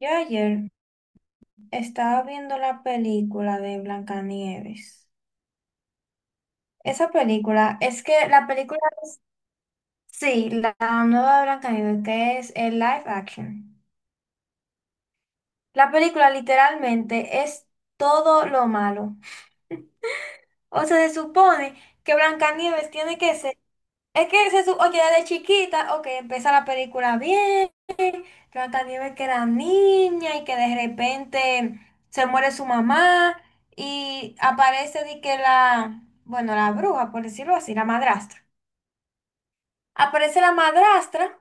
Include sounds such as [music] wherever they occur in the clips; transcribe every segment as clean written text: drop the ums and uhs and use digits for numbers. Yo ayer estaba viendo la película de Blancanieves. Esa película, es que la película es, sí, la nueva de Blancanieves, que es el live action. La película literalmente es todo lo malo. O sea, se supone que Blancanieves tiene que ser, es que se supone, oye, desde chiquita, ok, empieza la película bien. Blancanieves que era niña y que de repente se muere su mamá y aparece de que la, bueno, la bruja, por decirlo así, la madrastra. Aparece la madrastra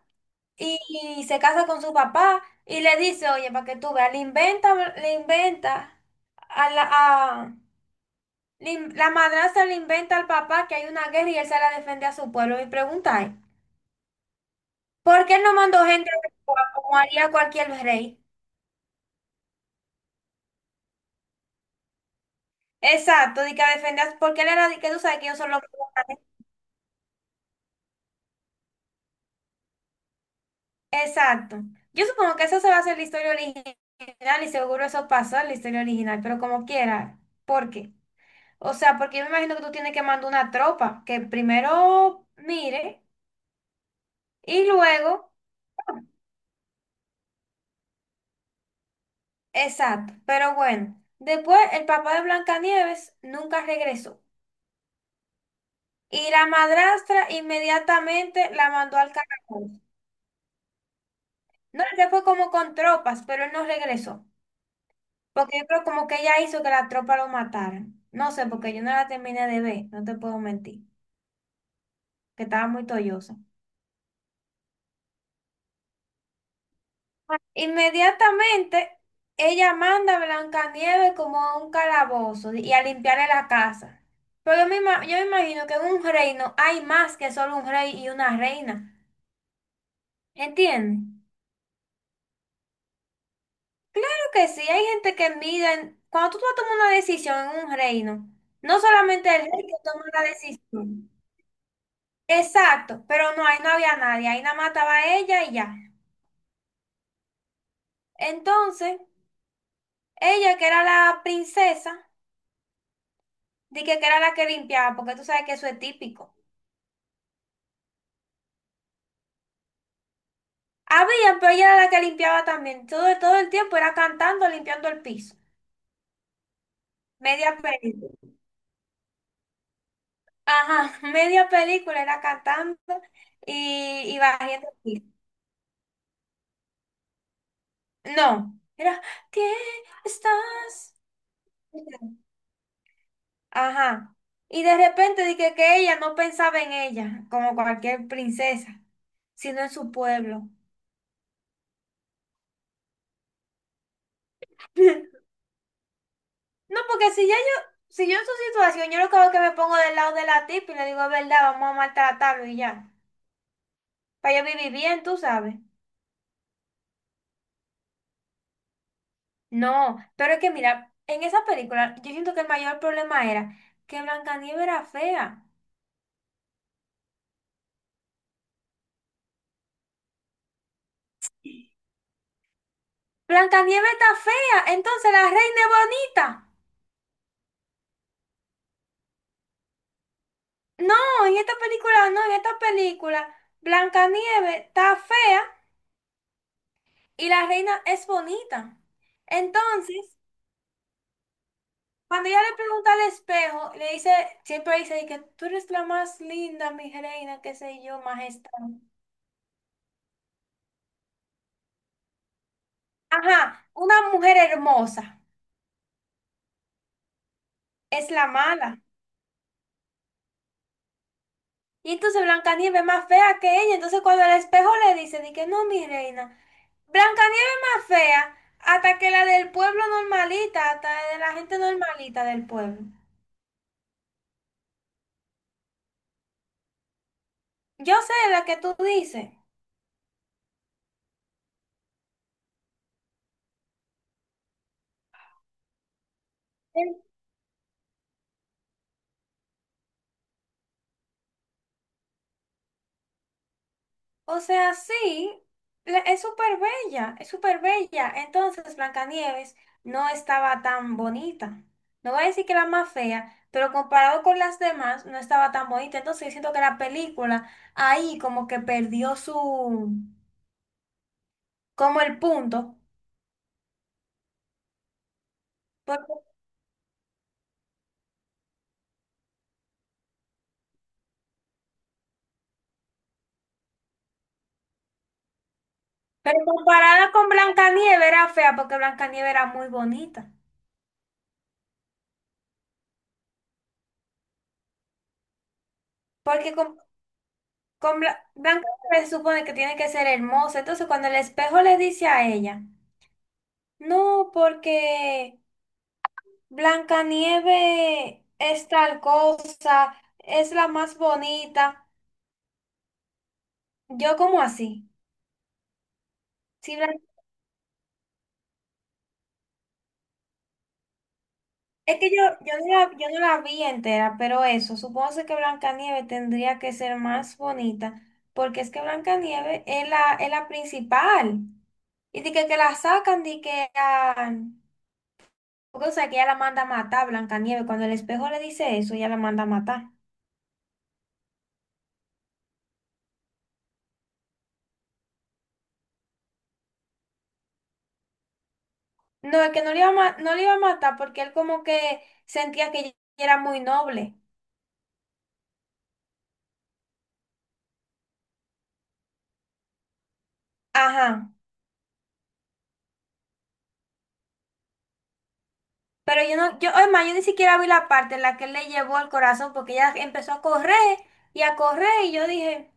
y, y se casa con su papá y le dice, oye, para que tú veas, le inventa a la, a- le in- la madrastra le inventa al papá que hay una guerra y él sale a defender a su pueblo. Y pregunta, ¿por qué él no mandó gente como haría cualquier rey? Exacto, de que defendas, porque él era de que tú sabes que ellos son los que- Exacto. Yo supongo que eso se va a hacer la historia original y seguro eso pasó en la historia original, pero como quiera. ¿Por qué? O sea, porque yo me imagino que tú tienes que mandar una tropa que primero mire y luego. Exacto, pero bueno. Después el papá de Blancanieves nunca regresó. Y la madrastra inmediatamente la mandó al caracol. No, él se fue como con tropas, pero él no regresó. Porque yo creo como que ella hizo que la tropa lo matara. No sé, porque yo no la terminé de ver, no te puedo mentir, que estaba muy tollosa. Inmediatamente, ella manda a Blancanieves como a un calabozo y a limpiarle la casa. Pero yo me imagino que en un reino hay más que solo un rey y una reina. ¿Entiendes? Claro que sí, hay gente que mira, en- cuando tú vas a tomar una decisión en un reino, no solamente el rey que toma la decisión. Exacto, pero no, ahí no había nadie, ahí nada más estaba ella y ya. Entonces, ella que era la princesa, dije que era la que limpiaba, porque tú sabes que eso es típico. Había, pero ella era la que limpiaba también, todo el tiempo era cantando, limpiando el piso. Media película. Ajá, [laughs] media película era cantando y barriendo el piso. No, era, ¿qué estás? Ajá. Y de repente dije que ella no pensaba en ella, como cualquier princesa, sino en su pueblo. [laughs] No, porque si yo en su situación, yo lo que hago es que me pongo del lado de la tipa y le digo, es verdad, vamos a maltratarlo y ya. Para yo vivir bien, tú sabes. No, pero es que mira, en esa película yo siento que el mayor problema era que Blancanieves era fea. Blancanieves está fea, entonces la reina es bonita. No, en esta película, no, en esta película, Blancanieves está fea y la reina es bonita. Entonces, cuando ella le pregunta al espejo, le dice, siempre dice de que tú eres la más linda, mi reina, qué sé yo, majestad. Ajá, una mujer hermosa es la mala. Y entonces Blancanieves es más fea que ella. Entonces, cuando el espejo le dice, de que no, mi reina, Blancanieves es más fea hasta que la del pueblo normalita, hasta de la gente normalita del pueblo. Yo sé la que tú dices. Sí. O sea, sí, es súper bella, es súper bella. Entonces, Blancanieves no estaba tan bonita. No voy a decir que era más fea, pero comparado con las demás, no estaba tan bonita. Entonces, yo siento que la película ahí como que perdió su, como el punto. Porque- pero comparada con Blancanieves era fea porque Blancanieves era muy bonita. Porque Blanca se supone que tiene que ser hermosa. Entonces, cuando el espejo le dice a ella, no, porque Blancanieve es tal cosa, es la más bonita. Yo, como así? Si Blan- Es que yo, yo no la vi entera, pero eso, supongo que Blancanieve tendría que ser más bonita, porque es que Blancanieve es la principal. Y de que la sacan de que a- Porque, o sea, que ella la manda a matar, Blancanieves. Cuando el espejo le dice eso, ella la manda a matar. No, es que no le iba a, ma- no le iba a matar porque él como que sentía que ella era muy noble. Ajá. Pero yo no, yo, además, yo ni siquiera vi la parte en la que él le llevó el corazón porque ella empezó a correr y yo dije,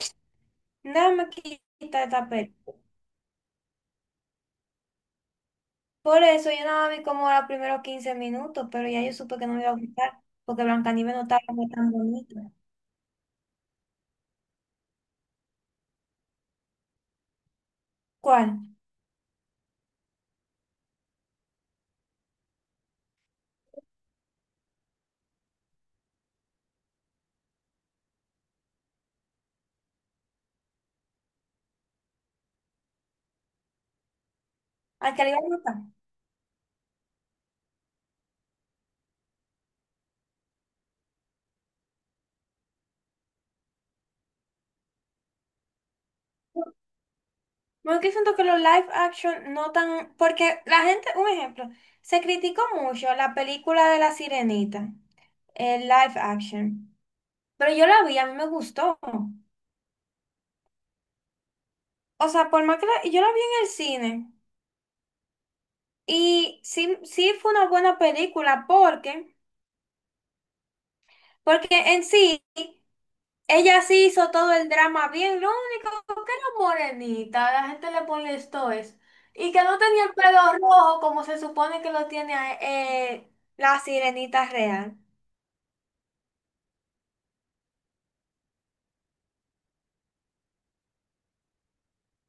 nada me quita esta película. Por eso yo nada más vi como los primeros 15 minutos, pero ya yo supe que no me iba a gustar porque Blancanieves no estaba como tan bonita. ¿Cuál? ¿Al que le iba a matar? Bueno, que siento que los live action no tan, porque la gente, un ejemplo, se criticó mucho la película de La Sirenita, el live action, pero yo la vi, a mí me gustó. O sea, por más que yo la vi en el cine y sí, sí fue una buena película porque, porque en sí, ella sí hizo todo el drama bien, ¿no? Morenita, la gente le pone esto es. Y que no tenía el pelo rojo como se supone que lo tiene la sirenita real.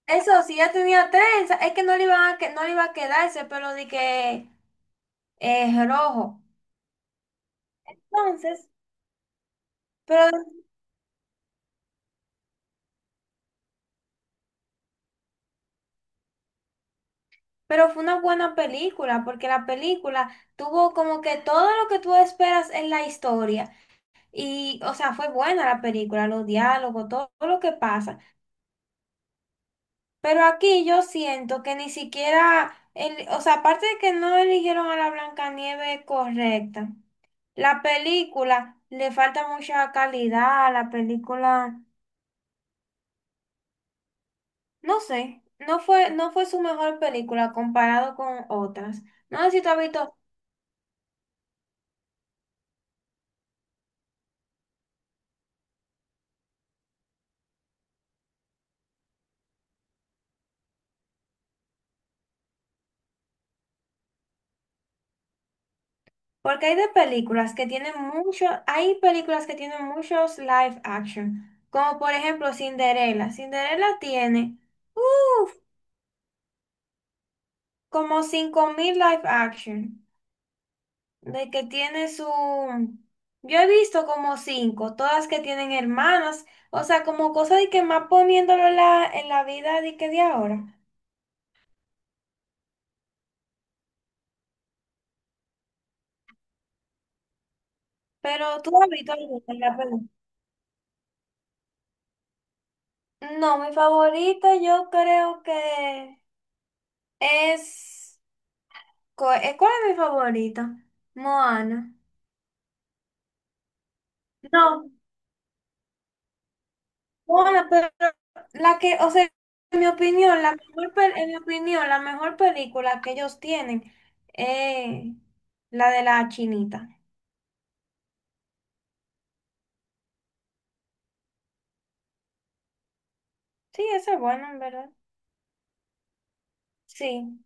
Eso sí, ya tenía trenza, es que no le iba a, que, no le iba a quedar ese pelo de que es rojo. Entonces, pero, pero fue una buena película, porque la película tuvo como que todo lo que tú esperas en la historia. Y, o sea, fue buena la película, los diálogos, todo lo que pasa. Pero aquí yo siento que ni siquiera, o sea, aparte de que no eligieron a la Blancanieves correcta, la película le falta mucha calidad a la película, no sé, no fue, no fue su mejor película comparado con otras. No sé si tú has visto, porque hay de películas que tienen mucho, hay películas que tienen muchos live action, como por ejemplo Cinderella. Cinderella tiene, uff, como 5000 live action. De que tiene su... Yo he visto como cinco, todas que tienen hermanas, o sea, como cosa de que más poniéndolo en la vida de que de ahora. ¿Pero tú has visto alguna en la peli? No, mi favorita yo creo que es... ¿Cuál es mi favorita? Moana. No, Moana, pero la que, o sea, en mi opinión, la mejor, en mi opinión, la mejor película que ellos tienen es la de la chinita. Sí, eso es bueno, en verdad. Sí.